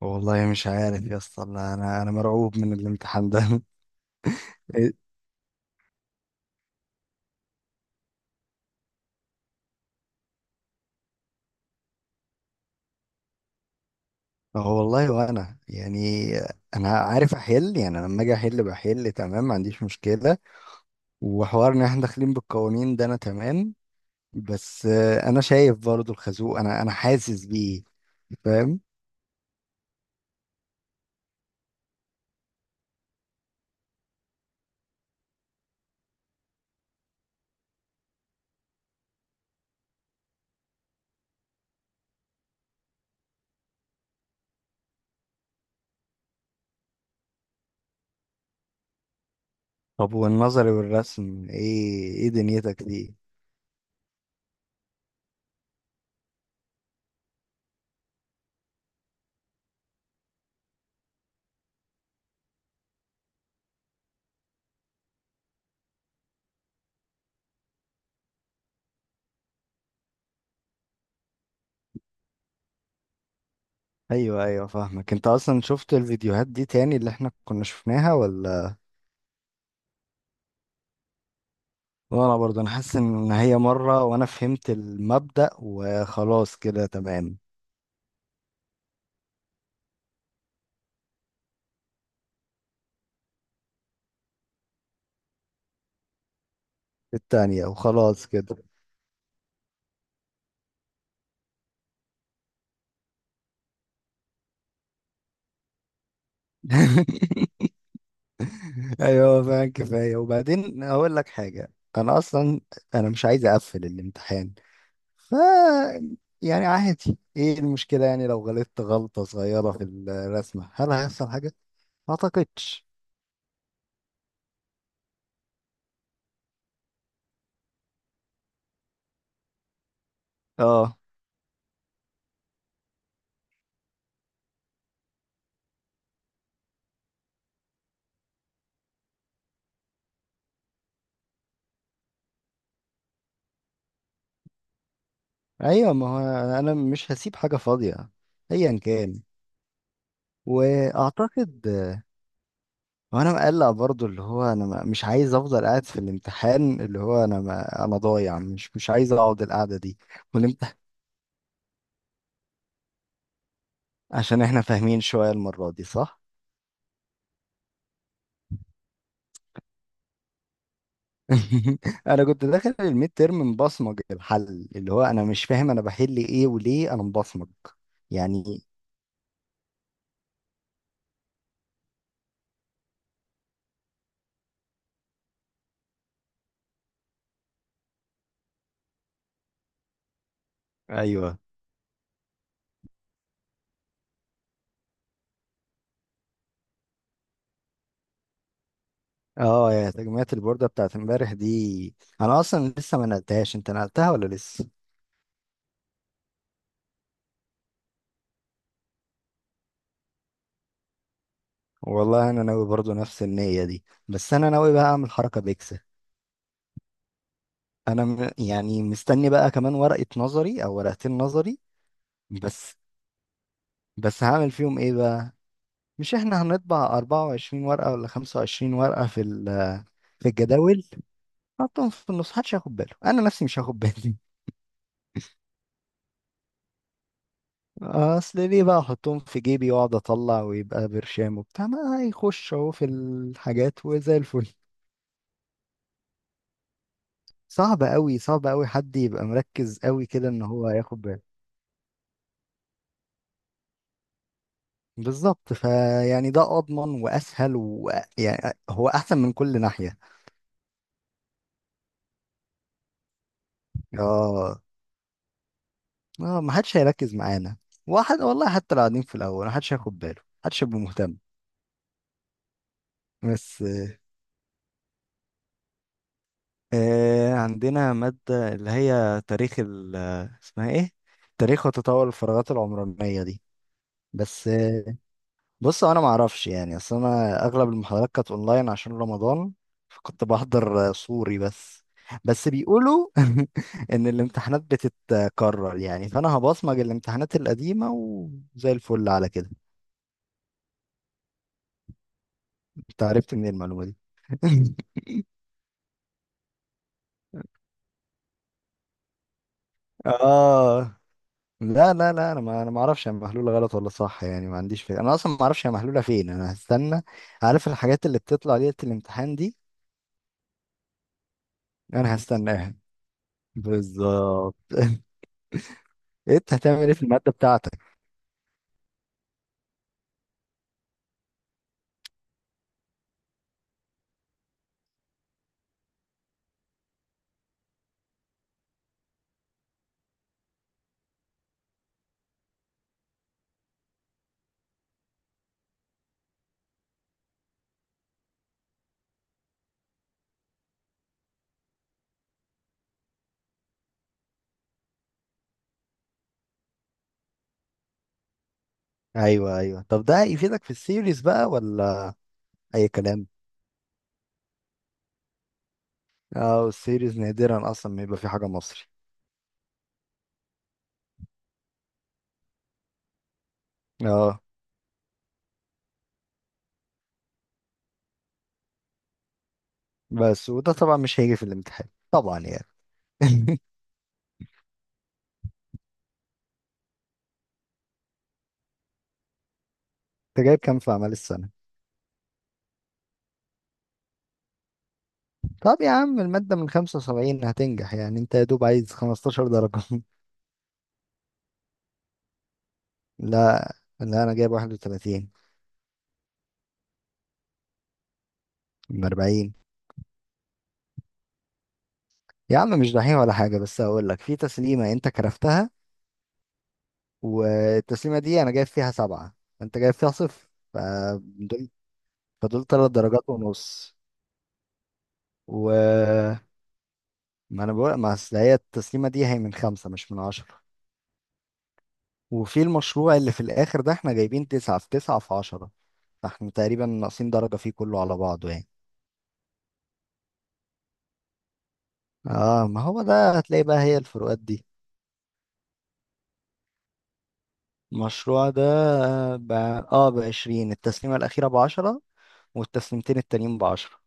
والله مش عارف يا اسطى، انا انا أنا مرعوب من الامتحان ده. إيه؟ هو والله وانا يعني انا عارف احل، يعني أنا لما اجي احل بحل تمام، ما عنديش مشكله. وحوار ان احنا داخلين بالقوانين ده انا تمام. بس انا شايف برضو الخازوق، انا حاسس بيه، فاهم؟ طب والنظري والرسم، ايه دنيتك دي؟ ايوه ايوه، فاهمك. انت اصلا شفت الفيديوهات دي تاني اللي احنا كنا شفناها ولا؟ وانا برضه، انا حاسس ان هي مرة وانا فهمت المبدأ وخلاص، كده تمام. التانية وخلاص كده. ايوه فعلا كفاية. وبعدين اقول لك حاجة، انا اصلا انا مش عايز اقفل الامتحان. ف يعني عادي، ايه المشكلة؟ يعني لو غلطت غلطة صغيرة في الرسمة هل هيحصل حاجة؟ ما اعتقدش. اه ايوه. ما هو انا مش هسيب حاجة فاضية ايا كان، واعتقد. وانا مقلق برضو، اللي هو انا مش عايز افضل قاعد في الامتحان، اللي هو انا ما انا ضايع، مش عايز اقعد القعده دي. والامتحان. عشان احنا فاهمين شويه المره دي، صح. انا كنت داخل الميد تيرم مبصمج الحل، اللي هو انا مش فاهم انا بحل ايه وليه انا مبصمج. يعني ايوه. اه يا تجميعة البوردة بتاعت امبارح دي، انا اصلا لسه ما نقلتهاش، انت نقلتها ولا لسه؟ والله انا ناوي برضو نفس النية دي، بس انا ناوي بقى اعمل حركة بيكسل. انا يعني مستني بقى كمان ورقة نظري او ورقتين نظري. بس بس هعمل فيهم ايه بقى؟ مش احنا هنطبع 24 ورقة ولا 25 ورقة في في الجداول؟ حطهم في النص، محدش هياخد باله، انا نفسي مش هاخد بالي. اصل ليه بقى احطهم في جيبي واقعد اطلع ويبقى برشام وبتاع؟ ما هيخش اهو في الحاجات وزي الفل. صعب قوي، صعب قوي حد يبقى مركز قوي كده ان هو هياخد باله. بالظبط، فيعني ده اضمن واسهل، ويعني هو احسن من كل ناحية. اه، اه ما حدش هيركز معانا. واحد والله حتى لو قاعدين في الاول ما حدش هياخد باله، ما حدش هيبقى مهتم. بس آه، عندنا مادة اللي هي تاريخ ال، اسمها ايه؟ تاريخ وتطور الفراغات العمرانية دي. بس آه، بص انا ما اعرفش يعني، اصل انا اغلب المحاضرات كانت اونلاين عشان رمضان، فكنت بحضر صوري بس. بس بيقولوا ان الامتحانات بتتكرر، يعني فانا هبصمج الامتحانات القديمة وزي الفل على كده. انت عرفت منين المعلومة دي؟ اه. لا لا لا، انا ما انا ما اعرفش هي محلوله غلط ولا صح، يعني ما عنديش فكره، انا اصلا ما اعرفش هي محلوله فين. انا هستنى، عارف الحاجات اللي بتطلع ليله الامتحان دي؟ انا هستناها بالظبط. انت هتعمل ايه في الماده بتاعتك؟ ايوه ايوه. طب ده هيفيدك في السيريز بقى ولا اي كلام؟ اه السيريز نادرا اصلا ما يبقى في حاجه مصري. اه. بس وده طبعا مش هيجي في الامتحان طبعا، يعني. انت جايب كام في اعمال السنه؟ طب يا عم المادة من 75، هتنجح يعني، انت يا دوب عايز 15 درجة. لا لا، انا جايب 31 من 40. يا عم مش دحيح ولا حاجة، بس هقول لك في تسليمة انت كرفتها، والتسليمة دي انا جايب فيها سبعة، انت جايب فيها صفر، فدول فدول تلات درجات ونص. و ما انا بقول، ما اصل هي التسليمة دي هي من خمسة مش من عشرة. وفي المشروع اللي في الاخر ده احنا جايبين تسعة في تسعة في عشرة، فاحنا تقريبا ناقصين درجة فيه كله على بعضه يعني. اه ما هو ده، هتلاقي بقى هي الفروقات دي. المشروع ده ب... اه بعشرين، التسليمة الأخيرة بعشرة والتسليمتين التانيين بعشرة.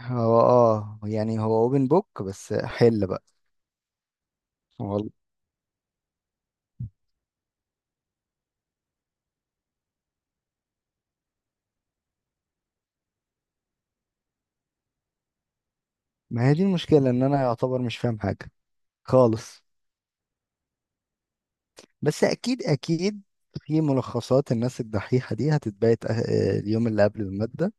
هو اه يعني، هو اوبن بوك، بس حل بقى. والله ما هي دي المشكلة، ان انا يعتبر مش فاهم حاجة خالص. بس اكيد اكيد في ملخصات الناس الدحيحة دي هتتبعت اليوم اللي قبل المادة.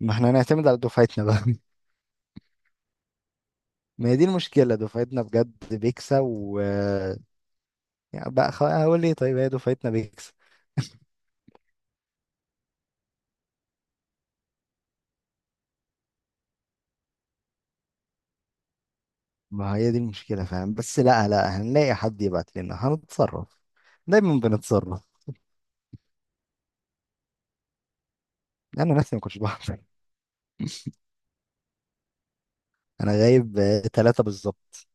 ما احنا هنعتمد على دفعتنا بقى. ما هي دي المشكلة، دفعتنا بجد بيكسا، و يعني بقى هقول ايه؟ طيب هي دفعتنا بيكسا. ما هي دي المشكلة، فاهم؟ بس لا لا، هنلاقي حد يبعت لنا، هنتصرف، دايما بنتصرف. انا نفسي ما كنتش بحضر. انا غايب ثلاثة بالظبط.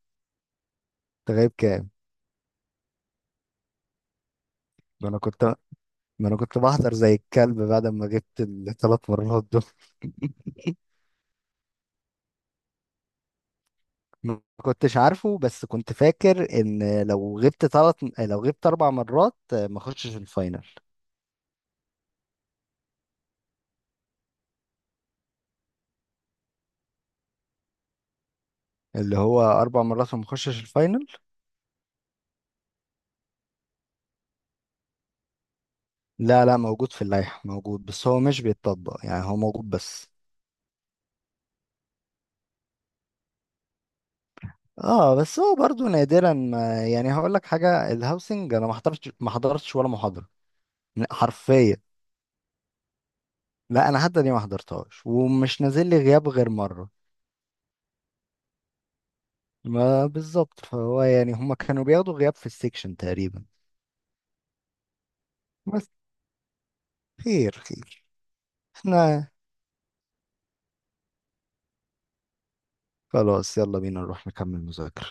انت غايب كام؟ ما انا ما انا كنت بحضر زي الكلب بعد ما جبت الثلاث مرات دول. ما كنتش عارفه، بس كنت فاكر ان لو غبت ثلاث، لو غبت اربع مرات ما اخشش الفاينل. اللي هو اربع مرات وما اخشش الفاينل. لا لا، موجود في اللائحة موجود، بس هو مش بيتطبق، يعني هو موجود بس. اه بس هو برضو نادرا ما، يعني هقول لك حاجه، الهاوسنج انا ما حضرتش، ما حضرتش ولا محاضره. لا، حرفيا. لا انا حتى دي ما حضرتهاش، ومش نازل لي غياب غير مره. ما بالظبط، فهو يعني هما كانوا بياخدوا غياب في السكشن تقريبا. بس. خير خير. احنا خلاص، يلا بينا نروح نكمل مذاكره.